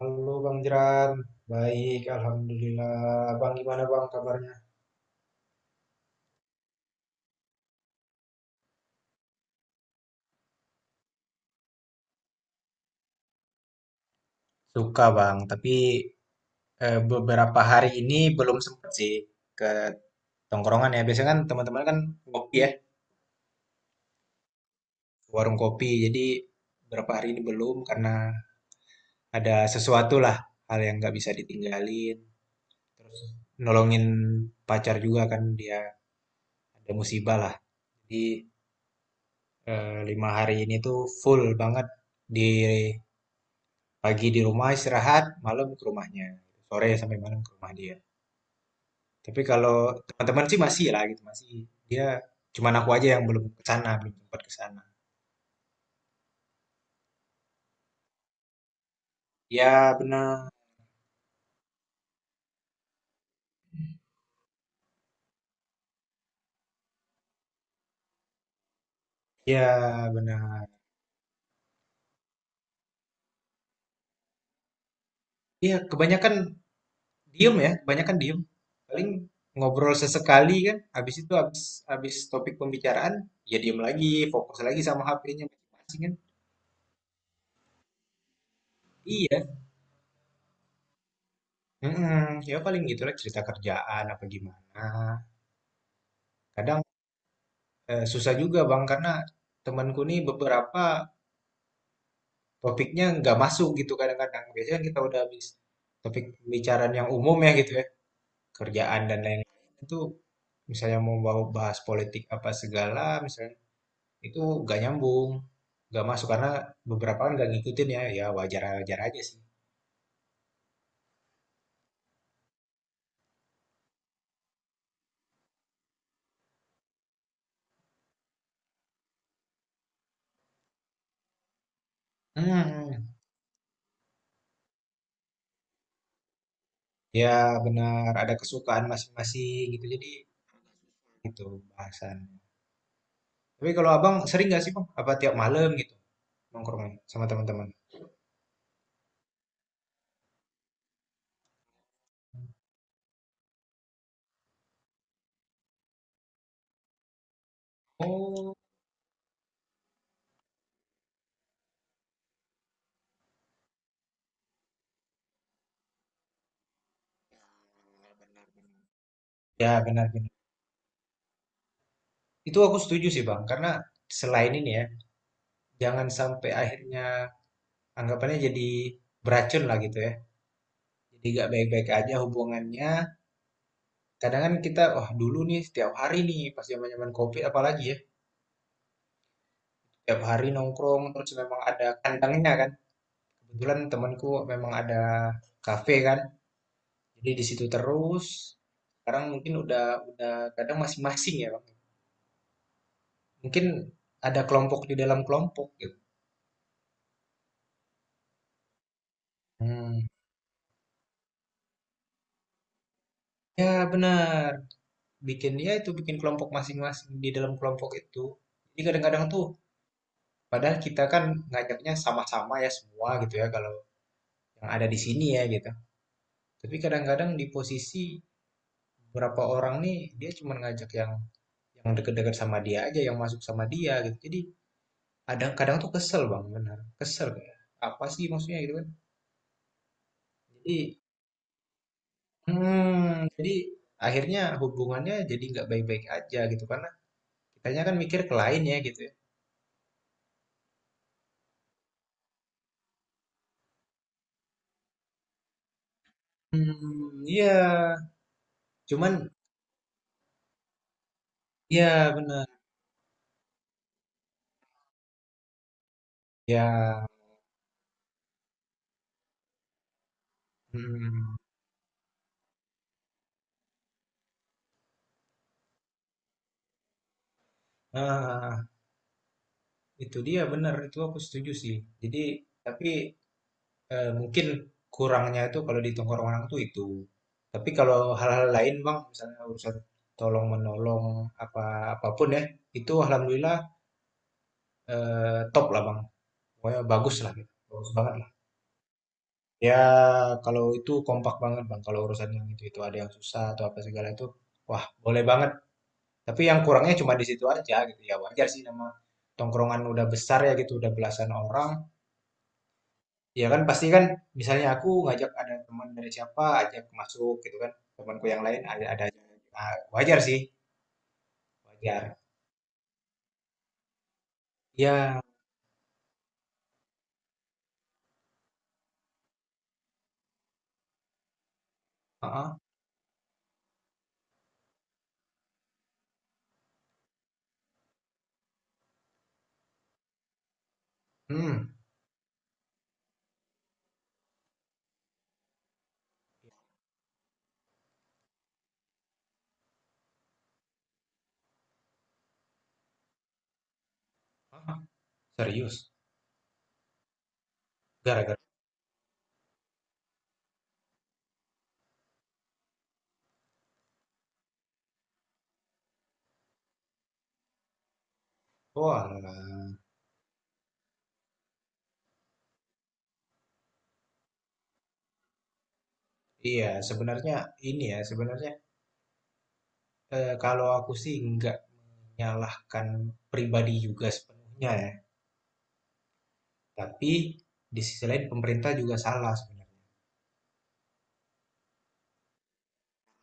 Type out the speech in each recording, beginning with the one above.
Halo Bang Jeran, baik Alhamdulillah. Bang gimana Bang kabarnya? Suka bang, tapi beberapa hari ini belum sempet sih ke tongkrongan ya. Biasanya kan teman-teman kan ngopi ya, ke warung kopi. Jadi beberapa hari ini belum karena ada sesuatu lah hal yang nggak bisa ditinggalin. Terus nolongin pacar juga kan dia ada musibah lah. Jadi lima hari ini tuh full banget di Pagi di rumah istirahat, malam ke rumahnya. Sore sampai malam ke rumah dia. Tapi kalau teman-teman sih masih lah gitu, masih. Dia cuman aku aja yang belum ke sana, belum sempat ke sana. Ya benar, ya benar. Ya kebanyakan diem ya, kebanyakan diem. Paling ngobrol sesekali kan, habis itu habis habis topik pembicaraan, ya diem lagi, fokus lagi sama HP-nya masing-masing kan. Iya. Ya paling gitulah cerita kerjaan apa gimana. Kadang susah juga Bang karena temanku nih beberapa topiknya nggak masuk gitu kadang-kadang. Biasanya kan kita udah habis topik pembicaraan yang umum ya gitu ya, kerjaan dan lain-lain itu misalnya bahas politik apa segala misalnya itu nggak nyambung, nggak masuk karena beberapa kan nggak ngikutin ya, ya wajar-wajar aja sih. Hmm, ya benar ada kesukaan masing-masing gitu jadi itu bahasan. Tapi kalau abang sering nggak sih bang? Apa tiap malam gitu nongkrongnya sama teman-teman? Oh. Ya, benar-benar. Itu aku setuju sih, Bang. Karena selain ini ya, jangan sampai akhirnya anggapannya jadi beracun lah gitu ya. Jadi gak baik-baik aja hubungannya. Kadang kan kita, wah dulu nih setiap hari nih pas zaman-zaman COVID apalagi ya, setiap hari nongkrong terus memang ada kandangnya kan. Kebetulan temanku memang ada kafe kan. Jadi di situ terus. Sekarang mungkin udah kadang masing-masing ya, Bang. Mungkin ada kelompok di dalam kelompok gitu. Hmm. Ya benar. Bikin dia itu bikin kelompok masing-masing di dalam kelompok itu. Jadi kadang-kadang tuh padahal kita kan ngajaknya sama-sama ya semua gitu ya kalau yang ada di sini ya gitu. Tapi kadang-kadang di posisi beberapa orang nih dia cuma ngajak yang deket-deket sama dia aja yang masuk sama dia gitu. Jadi kadang kadang tuh kesel bang benar kesel kayak apa sih maksudnya gitu kan. Jadi hmm, jadi akhirnya hubungannya jadi nggak baik-baik aja gitu karena kitanya kan mikir ke lain ya gitu ya. Hmm, iya. Cuman iya benar. Ya, mm, ah, itu dia benar itu aku setuju sih. Jadi tapi mungkin kurangnya itu kalau di tongkrongan tuh itu. Tapi kalau hal-hal lain bang, misalnya urusan tolong menolong apa apapun ya, itu alhamdulillah top lah bang. Pokoknya bagus lah, gitu. Bagus banget lah. Ya kalau itu kompak banget bang. Kalau urusan yang itu ada yang susah atau apa segala itu, wah boleh banget. Tapi yang kurangnya cuma di situ aja gitu ya wajar sih nama tongkrongan udah besar ya gitu udah belasan orang ya kan pasti kan misalnya aku ngajak ada teman dari siapa ajak masuk gitu kan temanku yang lain ada aja. Ah, wajar sih wajar ya. Heeh. Hmm. Hah? Serius gara-gara oh alah. Iya sebenarnya ini ya sebenarnya kalau aku sih nggak menyalahkan pribadi juga sepenuhnya ya, tapi di sisi lain pemerintah juga salah sebenarnya.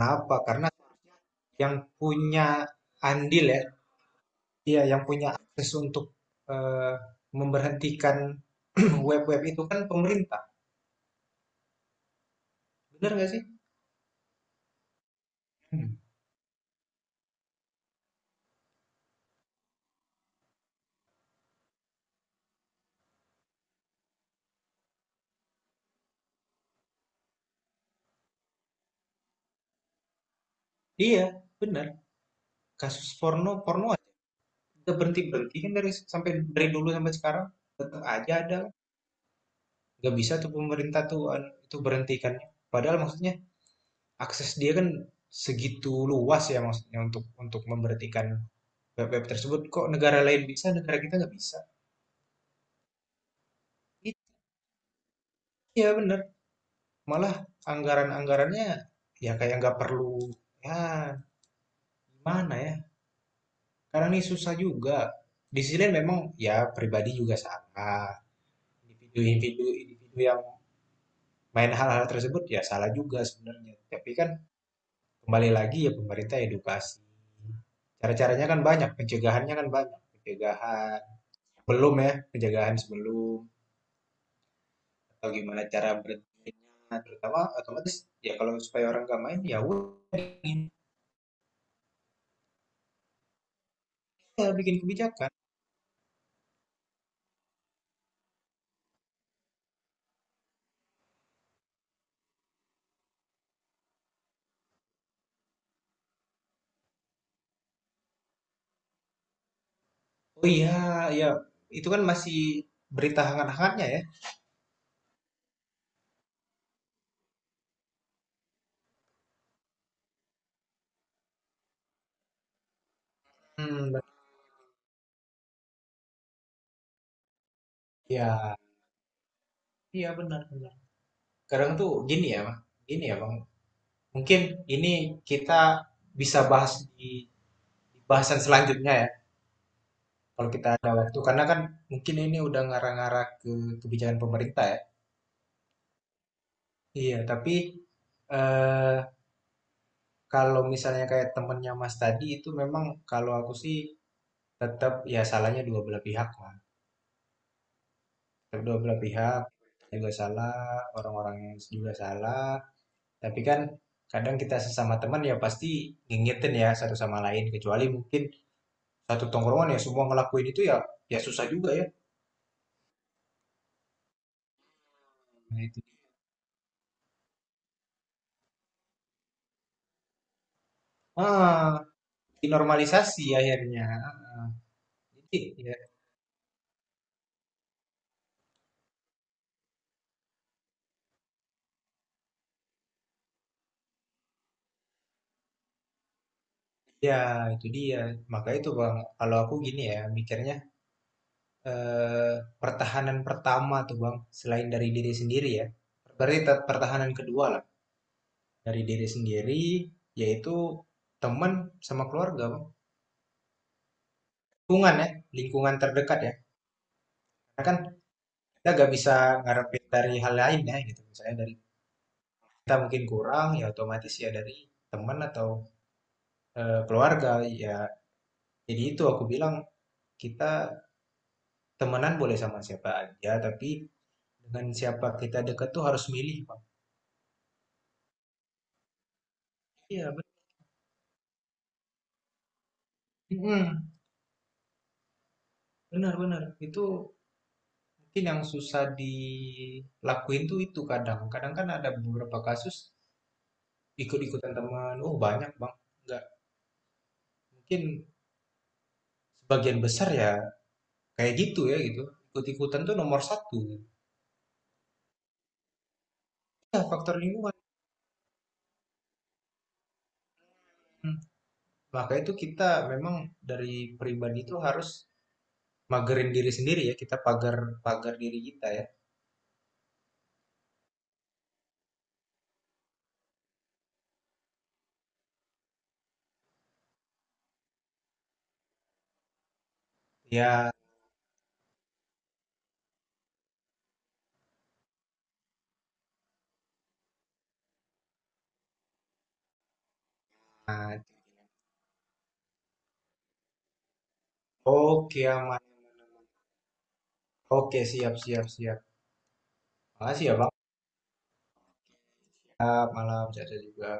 Kenapa? Karena yang punya andil ya, iya yang punya akses untuk eh, memberhentikan web-web itu kan pemerintah. Benar nggak sih? Hmm. Iya, benar. Kasus porno, porno aja. Nggak berhenti-berhenti kan dari sampai dari dulu sampai sekarang tetap aja ada. Nggak bisa tuh pemerintah tuh itu berhentikannya. Padahal maksudnya akses dia kan segitu luas ya maksudnya untuk memberhentikan web-web tersebut. Kok negara lain bisa, negara kita nggak bisa? Iya benar. Malah anggaran-anggarannya ya kayak nggak perlu ya gimana ya karena ini susah juga di sini memang ya pribadi juga salah individu-individu individu yang main hal-hal tersebut ya salah juga sebenarnya tapi kan kembali lagi ya pemerintah edukasi cara-caranya kan banyak pencegahannya kan banyak pencegahan belum ya pencegahan sebelum atau gimana cara berhentinya terutama otomatis ya kalau supaya orang nggak main ya udah bikin ya, bikin kebijakan. Oh iya, ya. Itu kan masih berita hangat-hangatnya ya. Hmm, ben- iya. Iya benar benar. Kadang tuh gini ya, Bang. Gini ya, Bang. Mungkin ini kita bisa bahas di di bahasan selanjutnya ya. Kalau kita ada waktu, karena kan mungkin ini udah ngarah-ngarah ke kebijakan pemerintah ya. Iya, tapi eh, kalau misalnya kayak temennya Mas tadi itu memang kalau aku sih tetap ya salahnya dua belah pihak lah. Kedua belah pihak juga salah, orang orang yang juga salah. Tapi kan kadang kita sesama teman ya pasti ngingetin ya satu sama lain. Kecuali mungkin satu tongkrongan ya semua ngelakuin itu ya ya susah juga ya. Nah, itu. Ah, dinormalisasi akhirnya. Jadi, ya, ya itu dia. Maka itu Bang, kalau aku gini ya mikirnya eh, pertahanan pertama tuh Bang, selain dari diri sendiri ya. Berarti pertahanan kedua lah. Dari diri sendiri, yaitu teman sama keluarga, Bang. Lingkungan ya, lingkungan terdekat ya. Karena kan kita gak bisa ngarepin dari hal lain ya gitu. Misalnya dari kita mungkin kurang, ya otomatis ya dari teman atau keluarga. Ya, jadi itu aku bilang kita temenan boleh sama siapa aja, tapi dengan siapa kita dekat tuh harus milih, Bang. Iya, benar. Benar-benar. Itu mungkin yang susah dilakuin tuh itu kadang. Kadang kan ada beberapa kasus ikut-ikutan teman, oh banyak Bang, nggak mungkin sebagian besar ya kayak gitu ya gitu, ikut-ikutan tuh nomor satu. Ya faktor lingkungan. Hmm. Maka itu kita memang dari pribadi itu harus magerin diri sendiri ya, kita pagar-pagar diri kita ya. Ya, nah, oke aman, oke siap siap siap. Makasih ya Bang, ya, malam sehat juga.